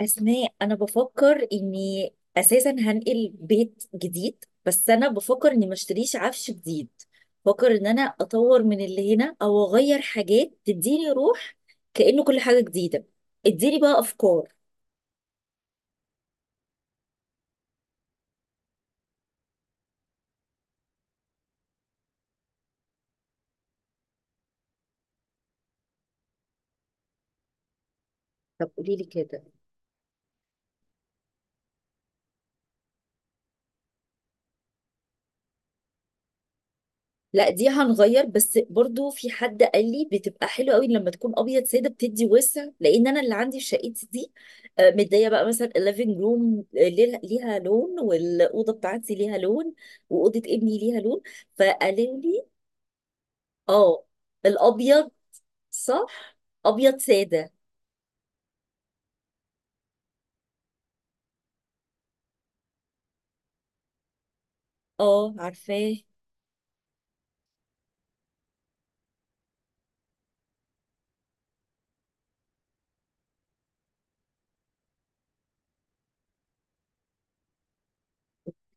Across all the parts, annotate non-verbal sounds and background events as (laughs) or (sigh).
أسماء، أنا بفكر إني أساسا هنقل بيت جديد، بس أنا بفكر إني ما اشتريش عفش جديد. بفكر إن أنا أطور من اللي هنا أو أغير حاجات تديني روح كأنه كل حاجة جديدة. اديني بقى أفكار. طب قولي لي كده. لا، دي هنغير، بس برضو في حد قال لي بتبقى حلوه قوي لما تكون ابيض ساده، بتدي وسع، لان انا اللي عندي في شقتي دي، مديه بقى مثلا الليفنج روم ليها لون والاوضه بتاعتي ليها لون واوضه ابني ليها لون. فقالوا لي. اه. الابيض، صح. ابيض ساده. اه، عارفاه.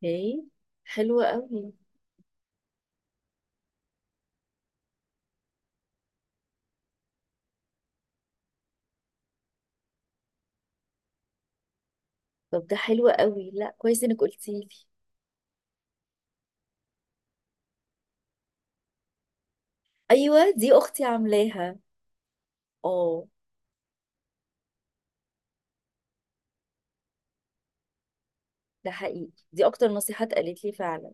اوكي، حلوه قوي. طب ده حلو قوي، لا كويس انك قلتي لي. ايوه، دي اختي عاملاها. اه. ده حقيقي، دي اكتر نصيحة اتقالت لي فعلا.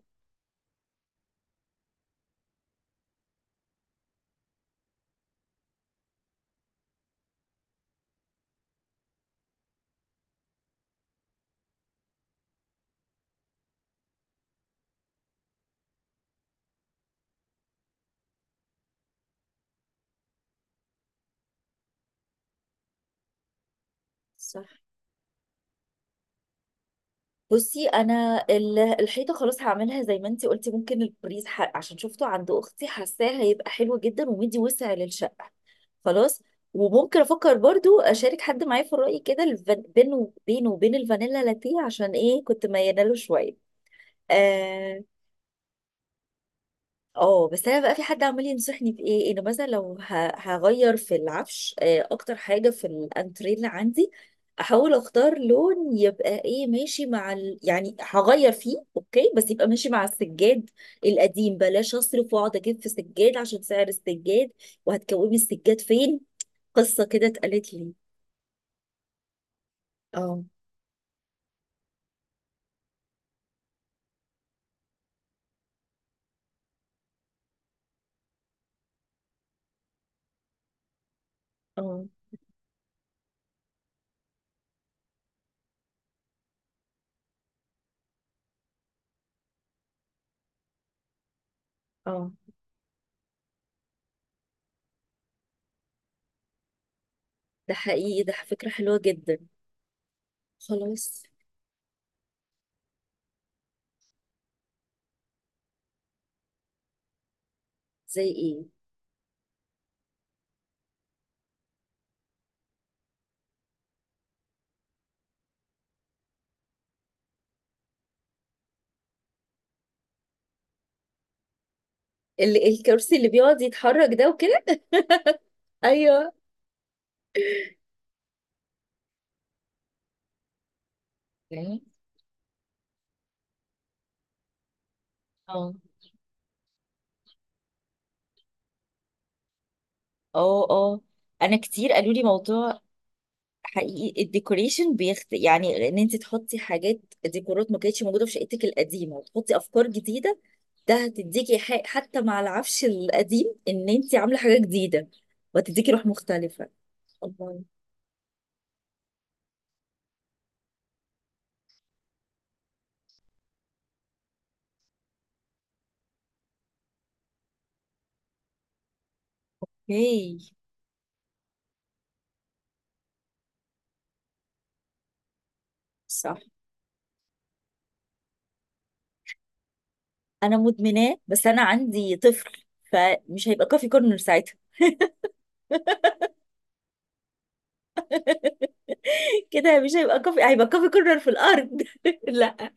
صح. بصي، انا الحيطه خلاص هعملها زي ما انتي قلتي، ممكن البريز، عشان شفته عند اختي حاساه هيبقى حلو جدا ومدي وسع للشقه. خلاص. وممكن افكر برضو اشارك حد معايا في الرأي كده، بينه بينه وبين الفانيلا لاتيه، عشان ايه كنت مياله له شويه. آه. اه بس انا بقى في حد عمال ينصحني في ايه، انه مثلا لو هغير في العفش، اكتر حاجه في الانتريه اللي عندي احاول اختار لون يبقى ايه ماشي مع يعني هغير فيه اوكي بس يبقى ماشي مع السجاد القديم، بلاش اصرف واقعد اجيب في سجاد عشان سعر السجاد، وهتكومي السجاد فين. قصه كده اتقالت لي. اه اه اه. ده حقيقي، ده فكره حلوه جدا. خلاص. زي ايه. الكرسي اللي بيقعد يتحرك ده وكده. ايوه. اه اه اه، انا كتير قالوا لي موضوع. حقيقي الديكوريشن بيخت، يعني ان انت تحطي حاجات ديكورات ما كانتش موجوده في شقتك القديمه، وتحطي افكار جديده. ده هتديكي حق حتى مع العفش القديم، ان انت عامله حاجه جديده، وهتديكي روح مختلفه. الله. هي. صح. انا مدمناه بس انا عندي طفل. فمش هيبقى كافي كورنر ساعتها. (laughs) كده مش هيبقى كافي، هيبقى كافي كورنر في الارض (laughs) لا.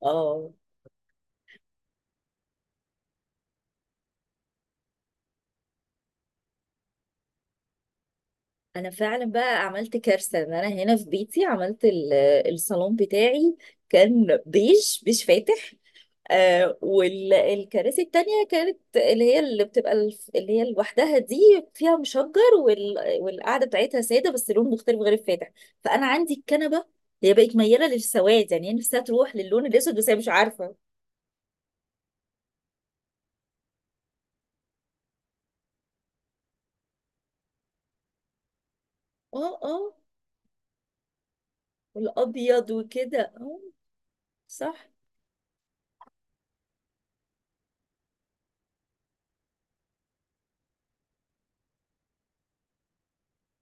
اه. انا فعلا بقى عملت كارثه، ان انا هنا في بيتي عملت الصالون بتاعي كان بيج بيج فاتح، آه، والكراسي التانية كانت اللي هي اللي بتبقى اللي هي لوحدها دي فيها مشجر والقعدة بتاعتها سادة بس لون مختلف غير الفاتح. فأنا عندي الكنبة هي بقت ميالة للسواد، يعني هي نفسها تروح للون الأسود بس هي مش عارفة. اه اه. والأبيض وكده، اه. صح.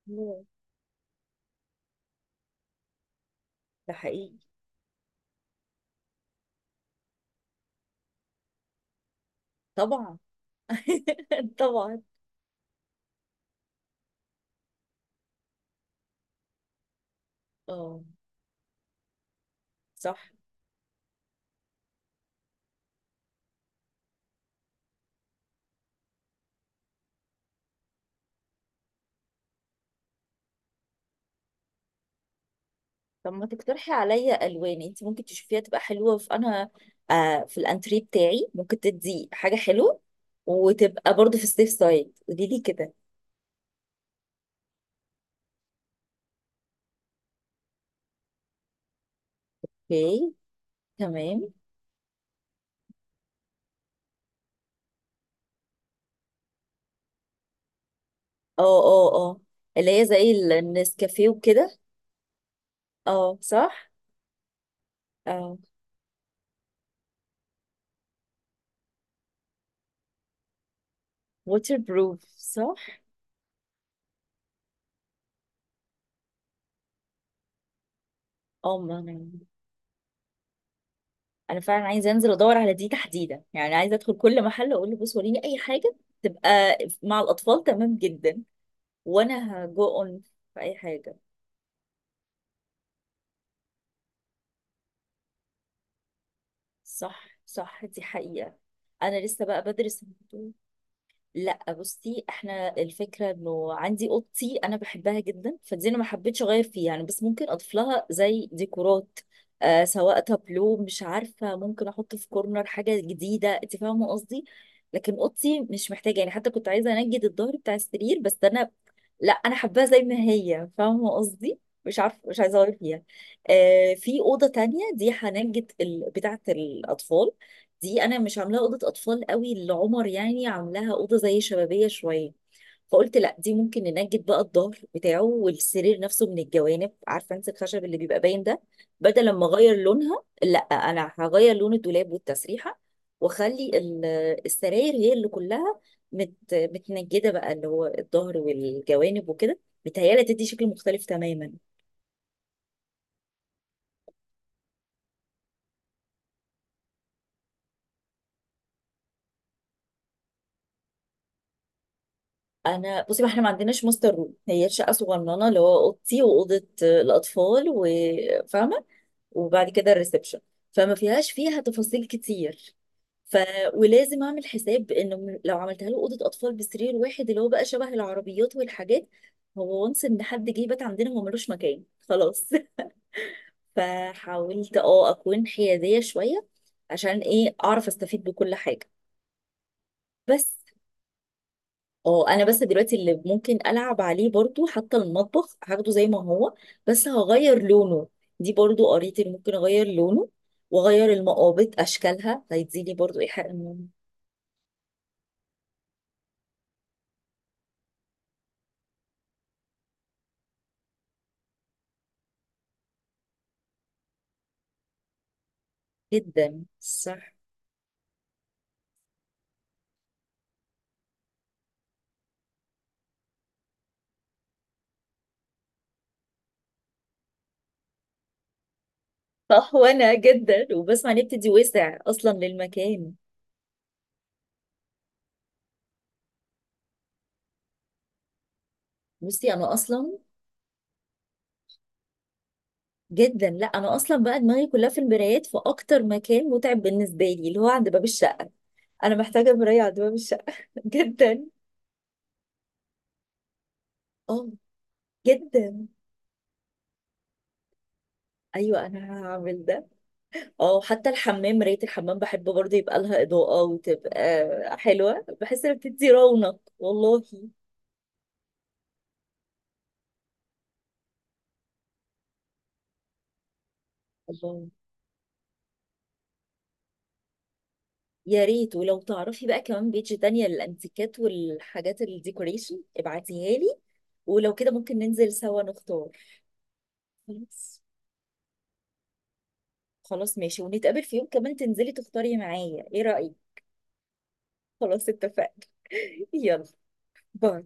الله، ده حقيقي. طبعا. (laughs) طبعا. اه صح. طب ما تقترحي عليا الوان انت ممكن تشوفيها تبقى حلوه في انا، آه، في الانتريه بتاعي ممكن تدي حاجه حلوه، وتبقى برضو في السيف سايد. قولي لي كده. اوكي تمام. اه اه اه، اللي هي زي النسكافيه وكده. اه صح. اه. ووتر بروف، صح. اه، ما انا انا فعلا عايزه انزل ادور على دي تحديدا، يعني عايزه ادخل كل محل اقول له بص وريني اي حاجه تبقى مع الاطفال تمام جدا. وانا هجو اون في اي حاجه. صح صح، دي حقيقة. أنا لسه بقى بدرس الموضوع. لا بصي، احنا الفكرة انه عندي اوضتي انا بحبها جدا فدي انا ما حبيتش اغير فيها يعني، بس ممكن اضيف لها زي ديكورات، آه سواء تابلو مش عارفة، ممكن احط في كورنر حاجة جديدة، انت فاهمة قصدي. لكن اوضتي مش محتاجة، يعني حتى كنت عايزة انجد الظهر بتاع السرير بس انا لا، انا حباها زي ما هي، فاهمه قصدي، مش عارفه، مش عايزه اغير فيها. آه في اوضه تانية دي هنجة بتاعه الاطفال، دي انا مش عاملاها اوضه اطفال قوي لعمر، يعني عاملاها اوضه زي شبابيه شويه، فقلت لا دي ممكن ننجد بقى الظهر بتاعه والسرير نفسه من الجوانب، عارفه انت الخشب اللي بيبقى باين ده. بدل لما اغير لونها، لا انا هغير لون الدولاب والتسريحه، واخلي (hesitation) السراير هي اللي كلها متنجده بقى، اللي هو الظهر والجوانب وكده، بتهيالي تدي شكل مختلف تماما. انا بصي، ما احنا ما عندناش ماستر روم، هي شقه صغننه اللي هو اوضتي واوضه الاطفال، وفاهمه، وبعد كده الريسبشن، فما فيهاش فيها تفاصيل كتير. ف ولازم اعمل حساب انه لو عملتها له اوضه اطفال بسرير واحد اللي هو بقى شبه العربيات والحاجات، هو وانس ان حد جه بات عندنا هو ملوش مكان خلاص (laughs) فحاولت اكون حياديه شويه عشان ايه اعرف استفيد بكل حاجه. بس. اه انا بس دلوقتي اللي ممكن العب عليه برضو حتى المطبخ هاخده زي ما هو، بس هغير لونه. دي برضو قريت اللي ممكن اغير لونه واغير المقابض اشكالها هيديني برضو ايحاء جدا صح. صح وانا جدا وبسمع ان بتدي وسع اصلا للمكان. بصي انا اصلا. جدا، لا انا اصلا بقى دماغي كلها في المرايات. في اكتر مكان متعب بالنسبه لي اللي هو عند باب الشقه. انا محتاجه مرايه عند باب الشقه (laughs) جدا. اه. جدا. ايوه انا هعمل ده. اه حتى الحمام مراية الحمام بحب برضه يبقى لها إضاءة وتبقى حلوة، بحس إنها بتدي رونق، والله. الله، يا ريت. ولو تعرفي بقى كمان بيج تانية للأنتيكات والحاجات الديكوريشن ابعتيها لي، ولو كده ممكن ننزل سوا نختار. خلاص. خلاص ماشي، ونتقابل في يوم كمان تنزلي تختاري معايا، ايه رأيك؟ خلاص اتفقنا. (laughs) يلا. باي.